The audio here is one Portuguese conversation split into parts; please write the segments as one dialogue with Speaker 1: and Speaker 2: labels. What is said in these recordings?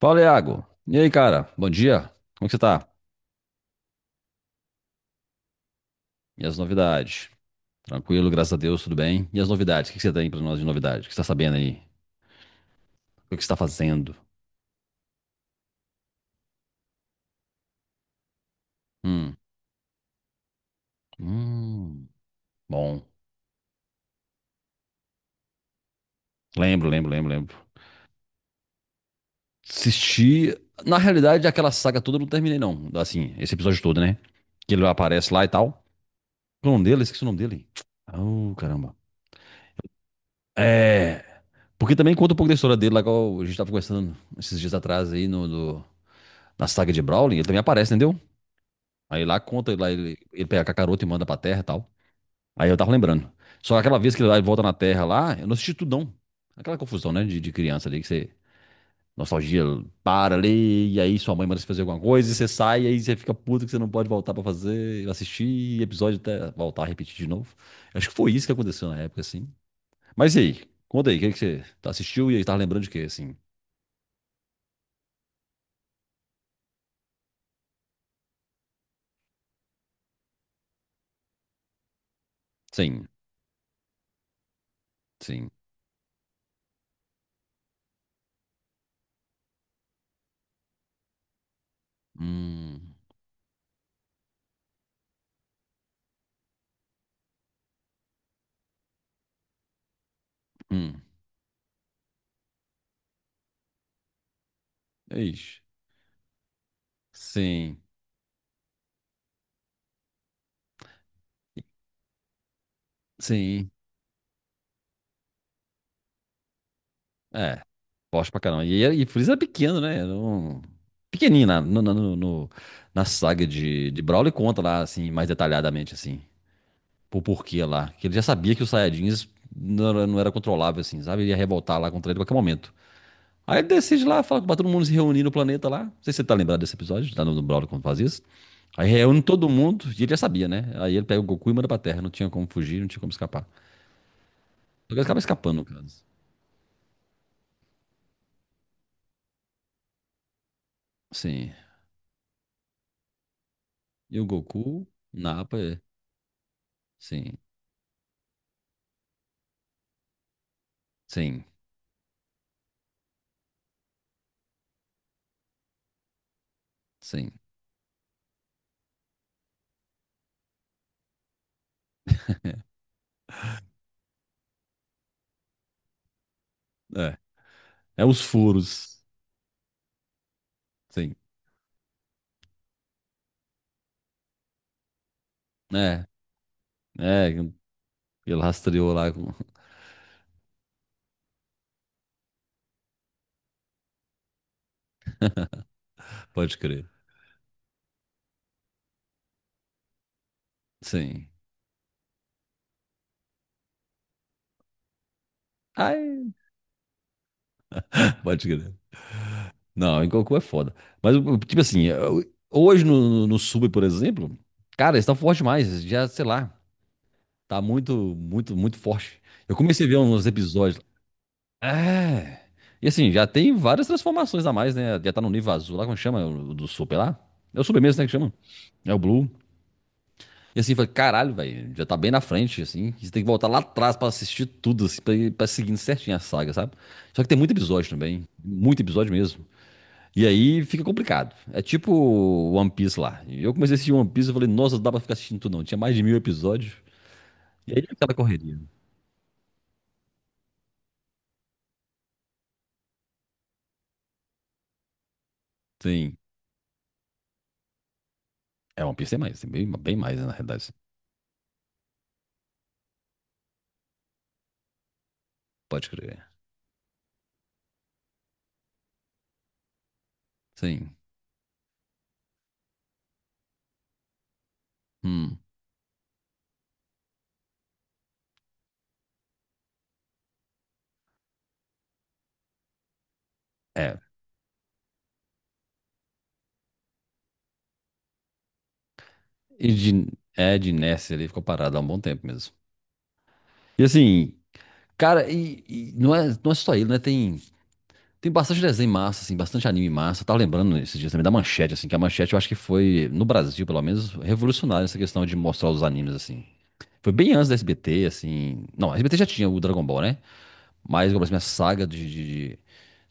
Speaker 1: Fala, Iago. E aí, cara? Bom dia. Como é que você tá? E as novidades? Tranquilo, graças a Deus, tudo bem. E as novidades? O que que você tem pra nós de novidade? O que você tá sabendo aí? O que que você tá fazendo? Hum. Hum. Bom. Lembro, lembro, lembro, lembro. Assisti. Na realidade, aquela saga toda eu não terminei, não. Assim, esse episódio todo, né? Que ele aparece lá e tal. O nome dele? Esqueci o nome dele. Oh, caramba. É. Porque também conta um pouco da história dele, lá que a gente tava conversando esses dias atrás aí na saga de Brawling. Ele também aparece, entendeu? Aí lá conta, lá ele pega a cacaroto e manda pra terra e tal. Aí eu tava lembrando. Só que aquela vez que ele vai e volta na terra lá, eu não assisti tudo não. Aquela confusão, né, de criança ali, que você. Nostalgia para ali, e aí sua mãe manda você fazer alguma coisa, e você sai, e aí você fica puto que você não pode voltar pra fazer, assistir episódio até voltar a repetir de novo. Acho que foi isso que aconteceu na época, assim. Mas e aí? Conta aí, o que que você tá- assistiu e aí tá lembrando de quê, assim? Sim, sim. Hum, hum. Ixi. Sim, sim. É, forte pra caramba. E Freeza é pequeno, né? Pequenininho na, no- no- no- no- na saga de Brawler conta lá, assim, mais detalhadamente, assim, porquê lá. Que ele já sabia que os Saiyajins não era controlável, assim, sabe? Ele ia revoltar lá contra ele a qualquer momento. Aí ele decide lá, fala pra todo mundo se reunir no planeta lá. Não sei se você tá lembrado desse episódio, lá no Brawler quando faz isso. Aí reúne todo mundo e ele já sabia, né? Aí ele pega o Goku e manda pra Terra. Não tinha como fugir, não tinha como escapar. Só que ele acaba escapando, no caso. Sim. E o Goku, Nappa, é. Sim. Sim, sim. É, é, os furos. Sim. É, é, ele rastreou lá com... Pode crer. Sim. Ai, pode crer. Não, em Goku é foda. Mas, tipo assim, hoje no sub, por exemplo, cara, eles estão forte demais. Já, sei lá, tá muito, muito, muito forte. Eu comecei a ver uns episódios. É. E assim, já tem várias transformações a mais, né? Já tá no nível azul lá, como chama? O do super lá? É o super mesmo, né, que chama? É o Blue. E assim, eu falei, caralho, velho, já tá bem na frente, assim. Você tem que voltar lá atrás pra assistir tudo, assim, pra, pra seguindo certinho a saga, sabe? Só que tem muito episódio também. Muito episódio mesmo. E aí fica complicado. É tipo One Piece lá. E eu comecei a assistir One Piece e falei, nossa, não dá pra ficar assistindo tudo não. Tinha mais de 1.000 episódios. E aí aquela correria. Sim. É, One Piece tem mais, tem bem, bem mais, né, na realidade. Pode crer. Sim. Hum. É. E de Ness ele ficou parado há um bom tempo mesmo. E assim, cara, e não é só ele, né? Tem. Tem bastante desenho massa, assim, bastante anime massa. Eu tava lembrando esses dias também da Manchete, assim, que a Manchete eu acho que foi, no Brasil, pelo menos, revolucionária essa questão de mostrar os animes, assim. Foi bem antes da SBT, assim. Não, a SBT já tinha o Dragon Ball, né? Mas, como assim, a saga de,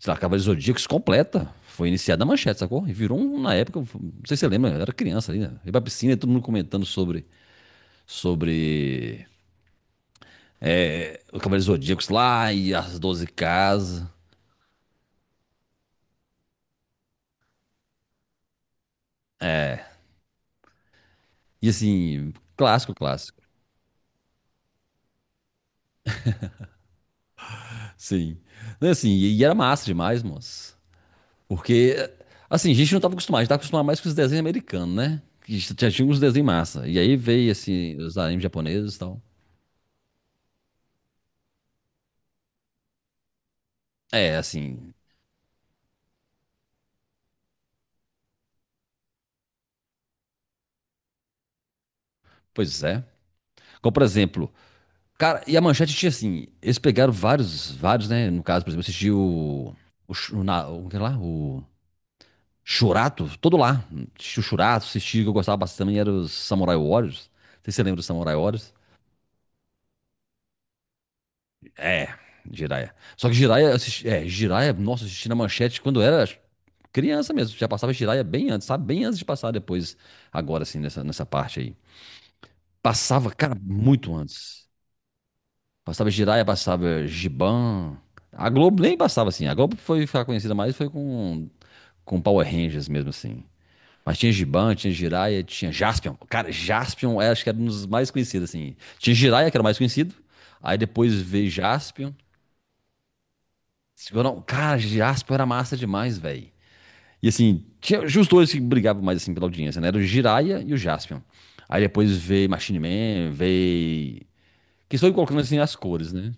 Speaker 1: sei lá, Cavaleiros Zodíacos completa foi iniciada na Manchete, sacou? E virou, na época, não sei se você lembra, eu era criança ali, né? Eu ia pra piscina e todo mundo comentando sobre os Cavaleiros Zodíacos lá e as 12 casas. E, assim, clássico, clássico. Sim. Não, assim, e era massa demais, moço. Porque, assim, a gente não tava acostumado, a gente tava acostumado mais com os desenhos americanos, né? Que já tinha uns desenhos massa. E aí veio, assim, os animes japoneses e tal. É, assim, pois é. Como, por exemplo, cara, e a Manchete tinha, assim, eles pegaram vários, vários, né? No caso, por exemplo, assistiu o, Sh- o, na- o, que lá, o Shurato, todo lá. Assisti o Shurato, assisti, o que eu gostava bastante também, era os Samurai Warriors. Não sei se você lembra dos Samurai Warriors. É, Jiraya. Só que Jiraya, eu assisti, é, Jiraya, nossa, eu assisti na manchete quando era criança mesmo. Já passava Jiraya bem antes, sabe? Bem antes de passar depois, agora assim, nessa parte aí. Passava, cara, muito antes. Passava Jiraya, passava Giban. A Globo nem passava assim. A Globo foi ficar conhecida mais foi com Power Rangers mesmo assim. Mas tinha Giban, tinha Jiraya, tinha Jaspion. Cara, Jaspion era, acho que era um dos mais conhecidos assim. Tinha Jiraya, que era o mais conhecido. Aí depois veio Jaspion. Se Eu não- Cara, Jasper era massa demais, velho. E assim, tinha os dois que brigavam mais assim pela audiência, né? Era o Jiraiya e o Jaspion. Aí depois veio Machine Man, veio. Que estou colocando assim as cores, né?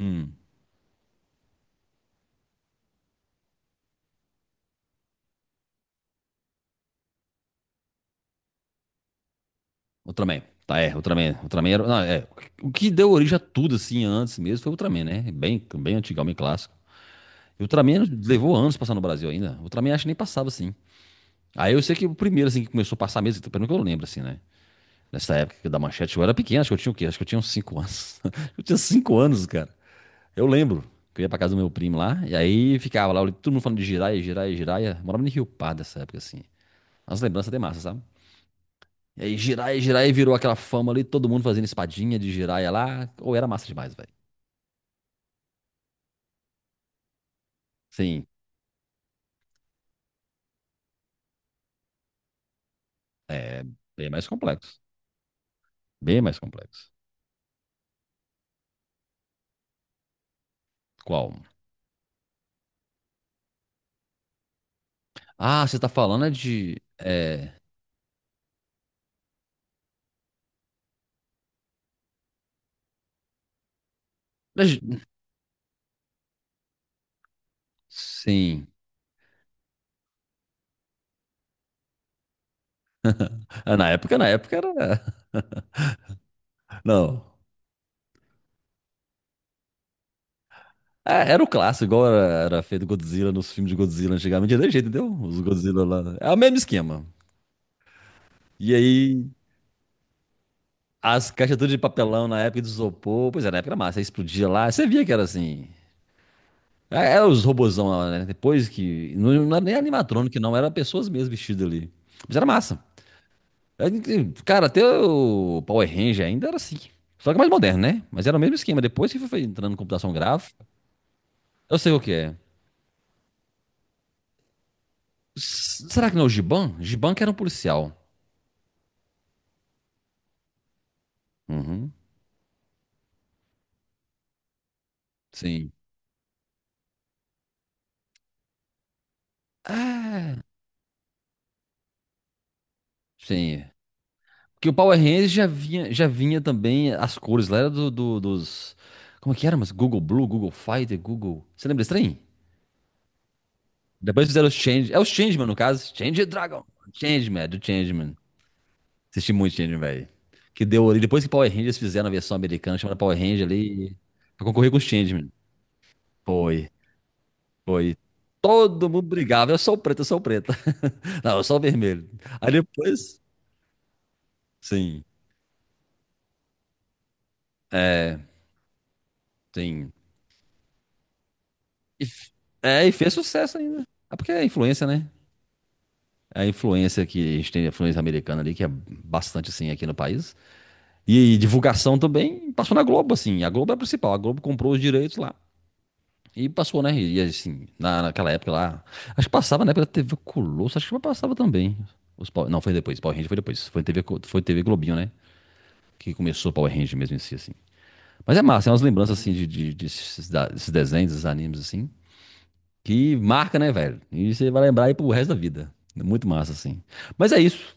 Speaker 1: Hum, Ultraman. Tá, é, Ultraman. Ultraman era. Não, é. O que deu origem a tudo assim antes mesmo foi o Ultraman, né? Bem, bem antigão, bem clássico. E o Ultraman levou anos pra passar no Brasil ainda. O Ultraman acho que nem passava assim. Aí eu sei que o primeiro assim que começou a passar mesmo, pelo menos que eu lembro assim, né? Nessa época da manchete, eu era pequeno, acho que eu tinha o quê? Acho que eu tinha uns 5 anos. Eu tinha 5 anos, cara. Eu lembro que eu ia pra casa do meu primo lá, e aí ficava lá, todo mundo falando de giraia, giraia, giraia. Eu morava em Rio Pardo nessa época, assim. As lembranças até massa, sabe? E aí giraia, giraia virou aquela fama ali, todo mundo fazendo espadinha de giraia lá. Ou era massa demais, velho. Sim, bem mais complexo. Bem mais complexo. Qual? Ah, você tá falando é de. É. mas- Sim. Ah, Na época era. Não. É, era, o clássico, igual era feito Godzilla nos filmes de Godzilla antigamente. Era desse jeito, entendeu? Os Godzilla lá. É o mesmo esquema. E aí, as caixas tudo de papelão na época de isopor. Pois é, na época era massa. Aí explodia lá. Você via que era assim. É, era os robozão lá, né? Depois que. Não, não era nem animatrônico, não. Era pessoas mesmo vestidas ali. Mas era massa. É, e, cara, até o Power Ranger ainda era assim. Só que mais moderno, né? Mas era o mesmo esquema. Depois que foi entrando em computação gráfica, eu sei o que é. Será que não é o Giban? Giban que era um policial. Uhum. Sim. Ah, sim. É. Porque o Power Rangers já vinha também as cores lá, era do, dos. Como é que era? Mas Google Blue, Google Fighter, Google. Você lembra desse trem? Depois fizeram os Change. É os Changeman, no caso. Change Dragon. Changeman, é do Changeman. Assisti muito Changeman, velho. Que deu ali. Depois que Power Rangers fizeram a versão americana, chamaram Power Ranger ali. Pra concorrer com os Changeman. Foi, foi. Todo mundo brigava. Eu sou o preto, eu sou o preto. Não, eu sou o vermelho. Aí depois. Sim, sim. E f- É, e fez sucesso ainda. É porque é influência, né? É a influência que a gente tem, a influência americana ali, que é bastante assim aqui no país. E, divulgação também passou na Globo, assim. A Globo é a principal. A Globo comprou os direitos lá. E passou, né? E assim, naquela época lá. Acho que passava na época da TV Colosso, acho que passava também. Não, foi depois. Power Ranger foi depois. Foi TV Globinho, né? Que começou o Power Ranger mesmo em si, assim. Mas é massa, é umas lembranças assim desses desenhos, desses animes, assim. Que marca, né, velho? E você vai lembrar aí pro resto da vida. É muito massa, assim. Mas é isso.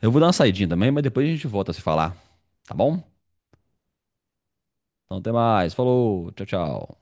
Speaker 1: Eu vou dar uma saidinha também, mas depois a gente volta a se falar, tá bom? Então até mais. Falou. Tchau, tchau.